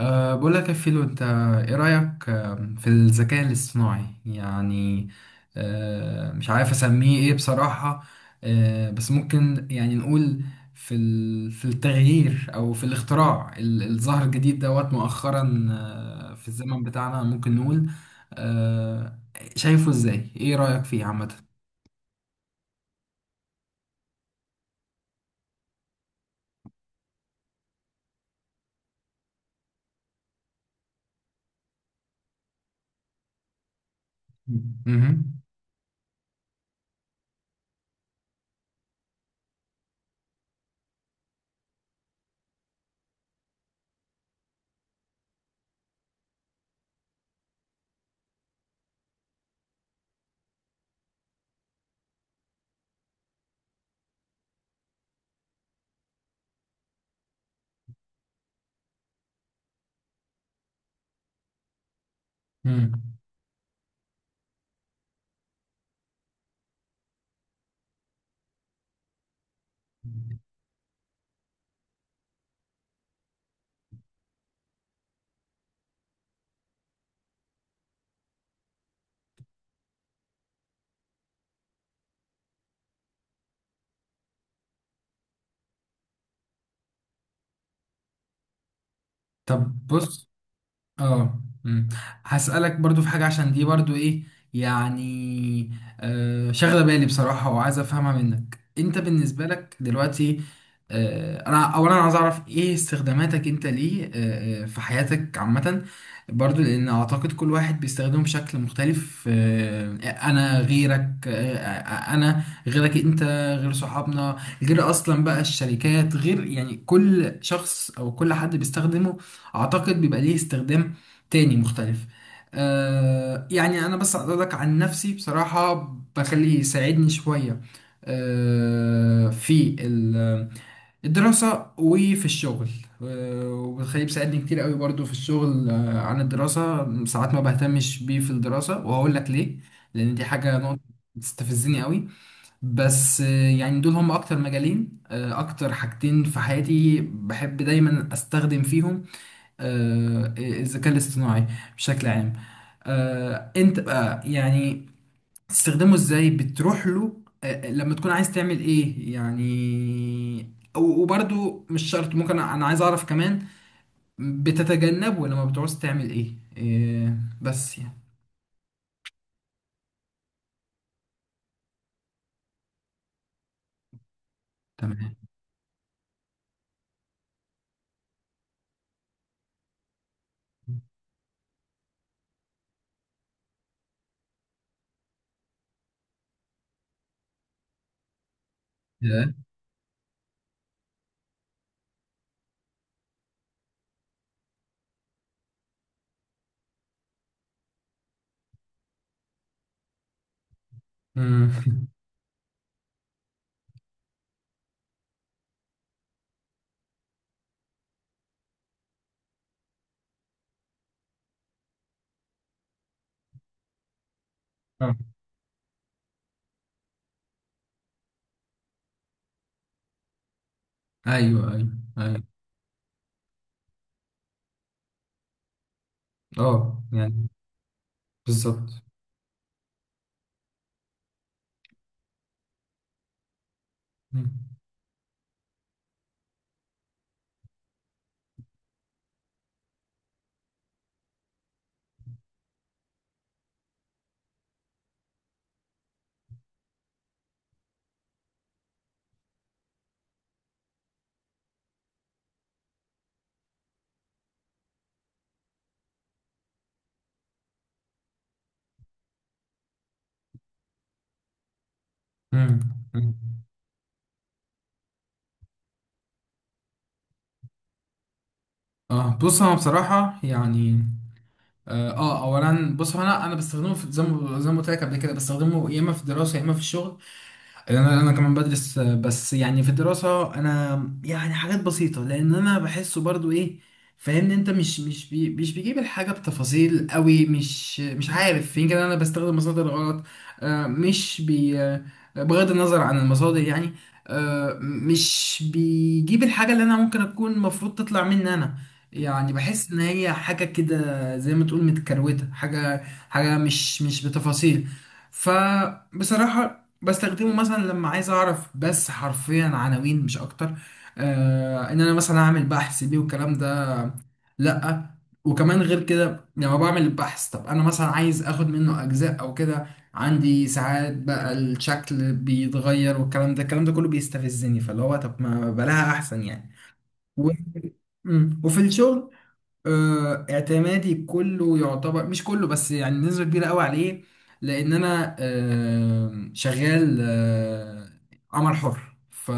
بقول لك يا فيلو، انت ايه رأيك في الذكاء الاصطناعي؟ يعني مش عارف اسميه ايه بصراحة. بس ممكن يعني نقول في في التغيير او في الاختراع الظاهر الجديد دوت مؤخرا، في الزمن بتاعنا ممكن نقول. أه شايفه ازاي؟ ايه رأيك فيه عامة؟ مهم. مم. طب بص. اه، مم. هسألك برضو في حاجة، عشان دي برضو ايه، يعني شاغلة بالي بصراحة، وعايز افهمها منك انت. بالنسبة لك دلوقتي، انا اولا عايز اعرف ايه استخداماتك انت ليه، في حياتك عامة؟ برضو لان اعتقد كل واحد بيستخدمه بشكل مختلف. انا غيرك انا غيرك انت، غير صحابنا، غير اصلا بقى الشركات، غير يعني كل شخص او كل حد بيستخدمه اعتقد بيبقى ليه استخدام تاني مختلف. يعني انا بس اقول لك عن نفسي بصراحة، بخليه يساعدني شوية في الدراسة وفي الشغل وبخليه بيساعدني كتير قوي برضو في الشغل، عن الدراسة ساعات ما بهتمش بيه في الدراسة، وهقول لك ليه، لان دي حاجة، نقطة بتستفزني قوي. بس يعني دول هم اكتر مجالين، اكتر حاجتين في حياتي بحب دايما استخدم فيهم، الذكاء الاصطناعي بشكل عام. انت بقى يعني تستخدمه ازاي؟ بتروح له لما تكون عايز تعمل ايه يعني؟ و- وبرضو مش شرط، ممكن انا عايز اعرف كمان بتتجنبه لما بتعوز تعمل ايه؟ بس يعني. تمام. yeah. مم. آه. ايوه، ايوه، ايوه. اه، يعني بالظبط. مم. مم. مم. اه بص، انا بصراحة يعني اولا بص هو، انا بستخدمه في، زي ما، قلت لك قبل كده بستخدمه يا اما في الدراسه يا اما في الشغل. انا كمان بدرس، بس يعني في الدراسه انا يعني حاجات بسيطه، لان انا بحسه برضو ايه، فاهمني؟ انت، مش بيجيب الحاجه بتفاصيل قوي، مش عارف، يمكن انا بستخدم مصادر غلط، آه، مش بي آه، بغض النظر عن المصادر يعني. مش بيجيب الحاجه اللي انا ممكن اكون المفروض تطلع مني انا، يعني بحس ان هي حاجه كده زي ما تقول متكروته، حاجه، حاجه مش بتفاصيل. فبصراحة بستخدمه مثلا لما عايز اعرف بس حرفيا عناوين، مش اكتر، ان انا مثلا اعمل بحث بيه والكلام ده، لا. وكمان غير كده لما بعمل البحث، طب انا مثلا عايز اخد منه اجزاء او كده، عندي ساعات بقى الشكل بيتغير، والكلام ده، الكلام ده كله بيستفزني، فاللي هو طب ما بلاها احسن يعني. و... مم. وفي الشغل، اعتمادي كله يعتبر مش كله، بس يعني نسبة كبيرة قوي عليه، لأن أنا شغال، عمل حر.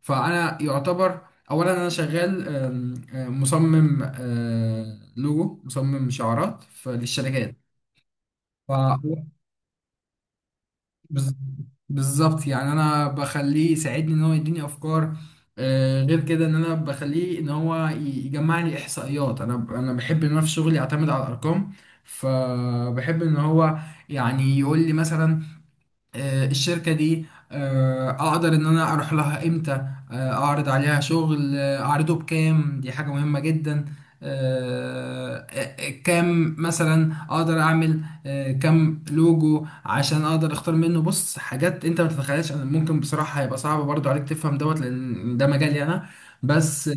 فأنا يعتبر أولا أنا شغال، آم، آه، مصمم، لوجو، مصمم شعارات للشركات. بز- بالظبط، يعني انا بخليه يساعدني ان هو يديني افكار، غير كده ان انا بخليه ان هو يجمع لي احصائيات، انا بحب ان انا في شغلي اعتمد على الارقام، فبحب ان هو يعني يقول لي مثلا الشركة دي، أقدر إن أنا أروح لها إمتى، أعرض عليها شغل، أعرضه بكام، دي حاجة مهمة جدا. كام مثلا أقدر أعمل كام لوجو عشان أقدر أختار منه. بص، حاجات أنت ما تتخيلش، أنا ممكن بصراحة هيبقى صعب برضو عليك تفهم دوت، لأن ده مجالي أنا. بس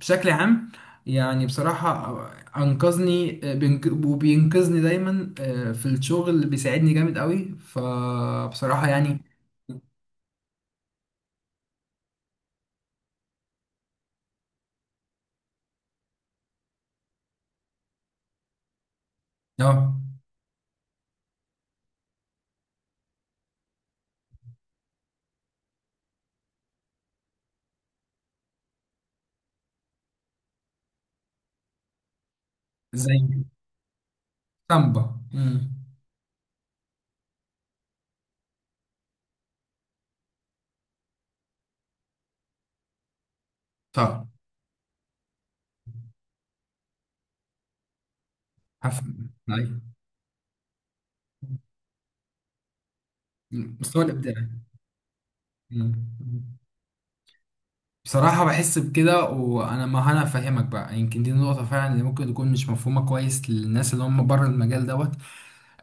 بشكل عام، يعني بصراحة انقذني، وبينقذني دايما في الشغل، بيساعدني جامد قوي، فبصراحة يعني. اه، زي سامبا. طب. هف- أيوة. مم. مستوى الابداع. أمم. بصراحة بحس بكده، وأنا، ما أنا فاهمك بقى، يمكن دي نقطة فعلا اللي ممكن تكون مش مفهومة كويس للناس اللي هم بره المجال دوت.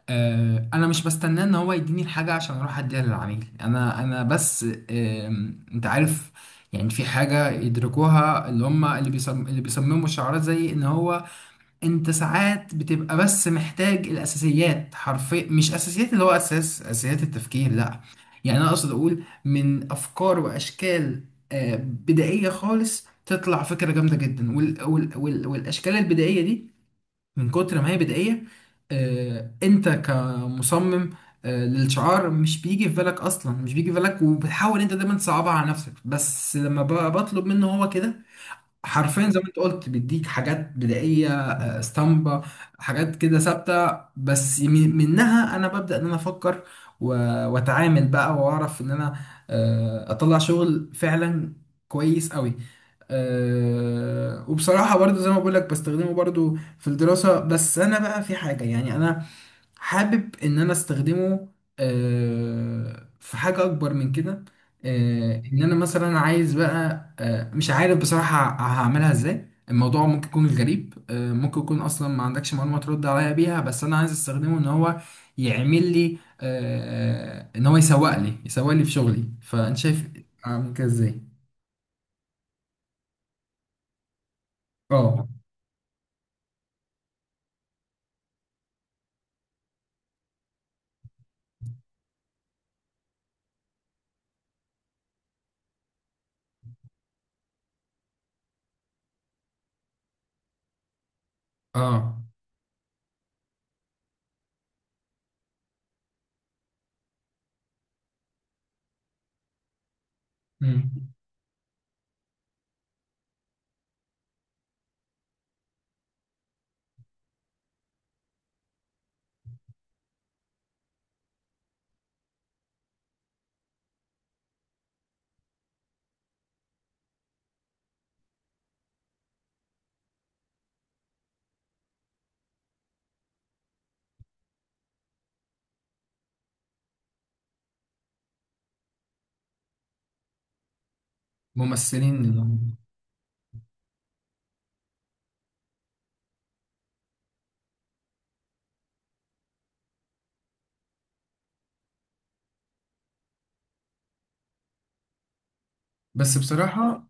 انا مش بستناه ان هو يديني الحاجه عشان اروح اديها للعميل، انا بس، انت عارف يعني، في حاجه يدركوها اللي هم، اللي بيصمموا الشعارات، زي ان هو انت ساعات بتبقى بس محتاج الاساسيات، حرفيا مش اساسيات اللي هو اساس، اساسيات التفكير لا، يعني انا اقصد اقول من افكار واشكال بدائيه خالص تطلع فكره جامده جدا، والاشكال البدائيه دي من كتر ما هي بدائية، انت كمصمم للشعار مش بيجي في بالك اصلا، مش بيجي في بالك، وبتحاول انت دايما تصعبها على نفسك، بس لما بطلب منه هو كده حرفيا زي ما انت قلت، بيديك حاجات بدائيه، اسطمبه، حاجات كده ثابته، بس منها انا ببدا ان انا افكر و- واتعامل بقى واعرف ان انا اطلع شغل فعلا كويس قوي. وبصراحه برضو زي ما بقول لك، بستخدمه برضو في الدراسه، بس انا بقى في حاجه يعني انا حابب ان انا استخدمه في حاجة اكبر من كده، ان انا مثلا عايز بقى، مش عارف بصراحة هعملها ازاي، الموضوع ممكن يكون غريب، ممكن يكون اصلا ما عندكش معلومة ترد عليا بيها، بس انا عايز استخدمه ان هو يعمل لي ان هو يسوق لي، في شغلي، فانت شايف اعمل كده ازاي؟ اه، اه. مم. ممثلين. بس بصراحة.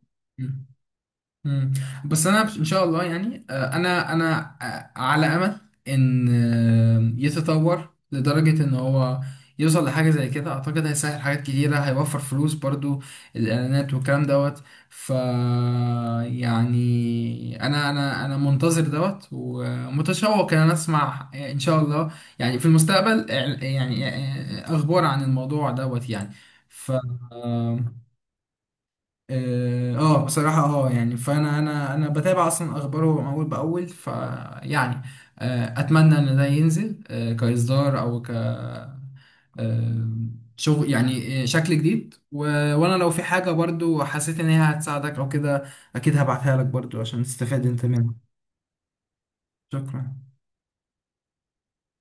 مم. بس انا ان شاء الله يعني، انا على امل ان يتطور لدرجة ان هو يوصل لحاجة زي كده، اعتقد هيسهل حاجات كتيرة، هيوفر فلوس برضو، الاعلانات والكلام دوت. ف يعني انا منتظر دوت ومتشوق ان انا اسمع ان شاء الله يعني في المستقبل، يعني اخبار عن الموضوع دوت يعني. ف بصراحة اه يعني، فانا انا انا بتابع اصلا اخباره اول باول، فيعني اتمنى ان ده ينزل كاصدار او، آه شغل يعني، شكل جديد. وانا لو في حاجة برضو حسيت ان هي هتساعدك او كده، اكيد هبعتها لك برضو عشان تستفاد انت منها. شكرا.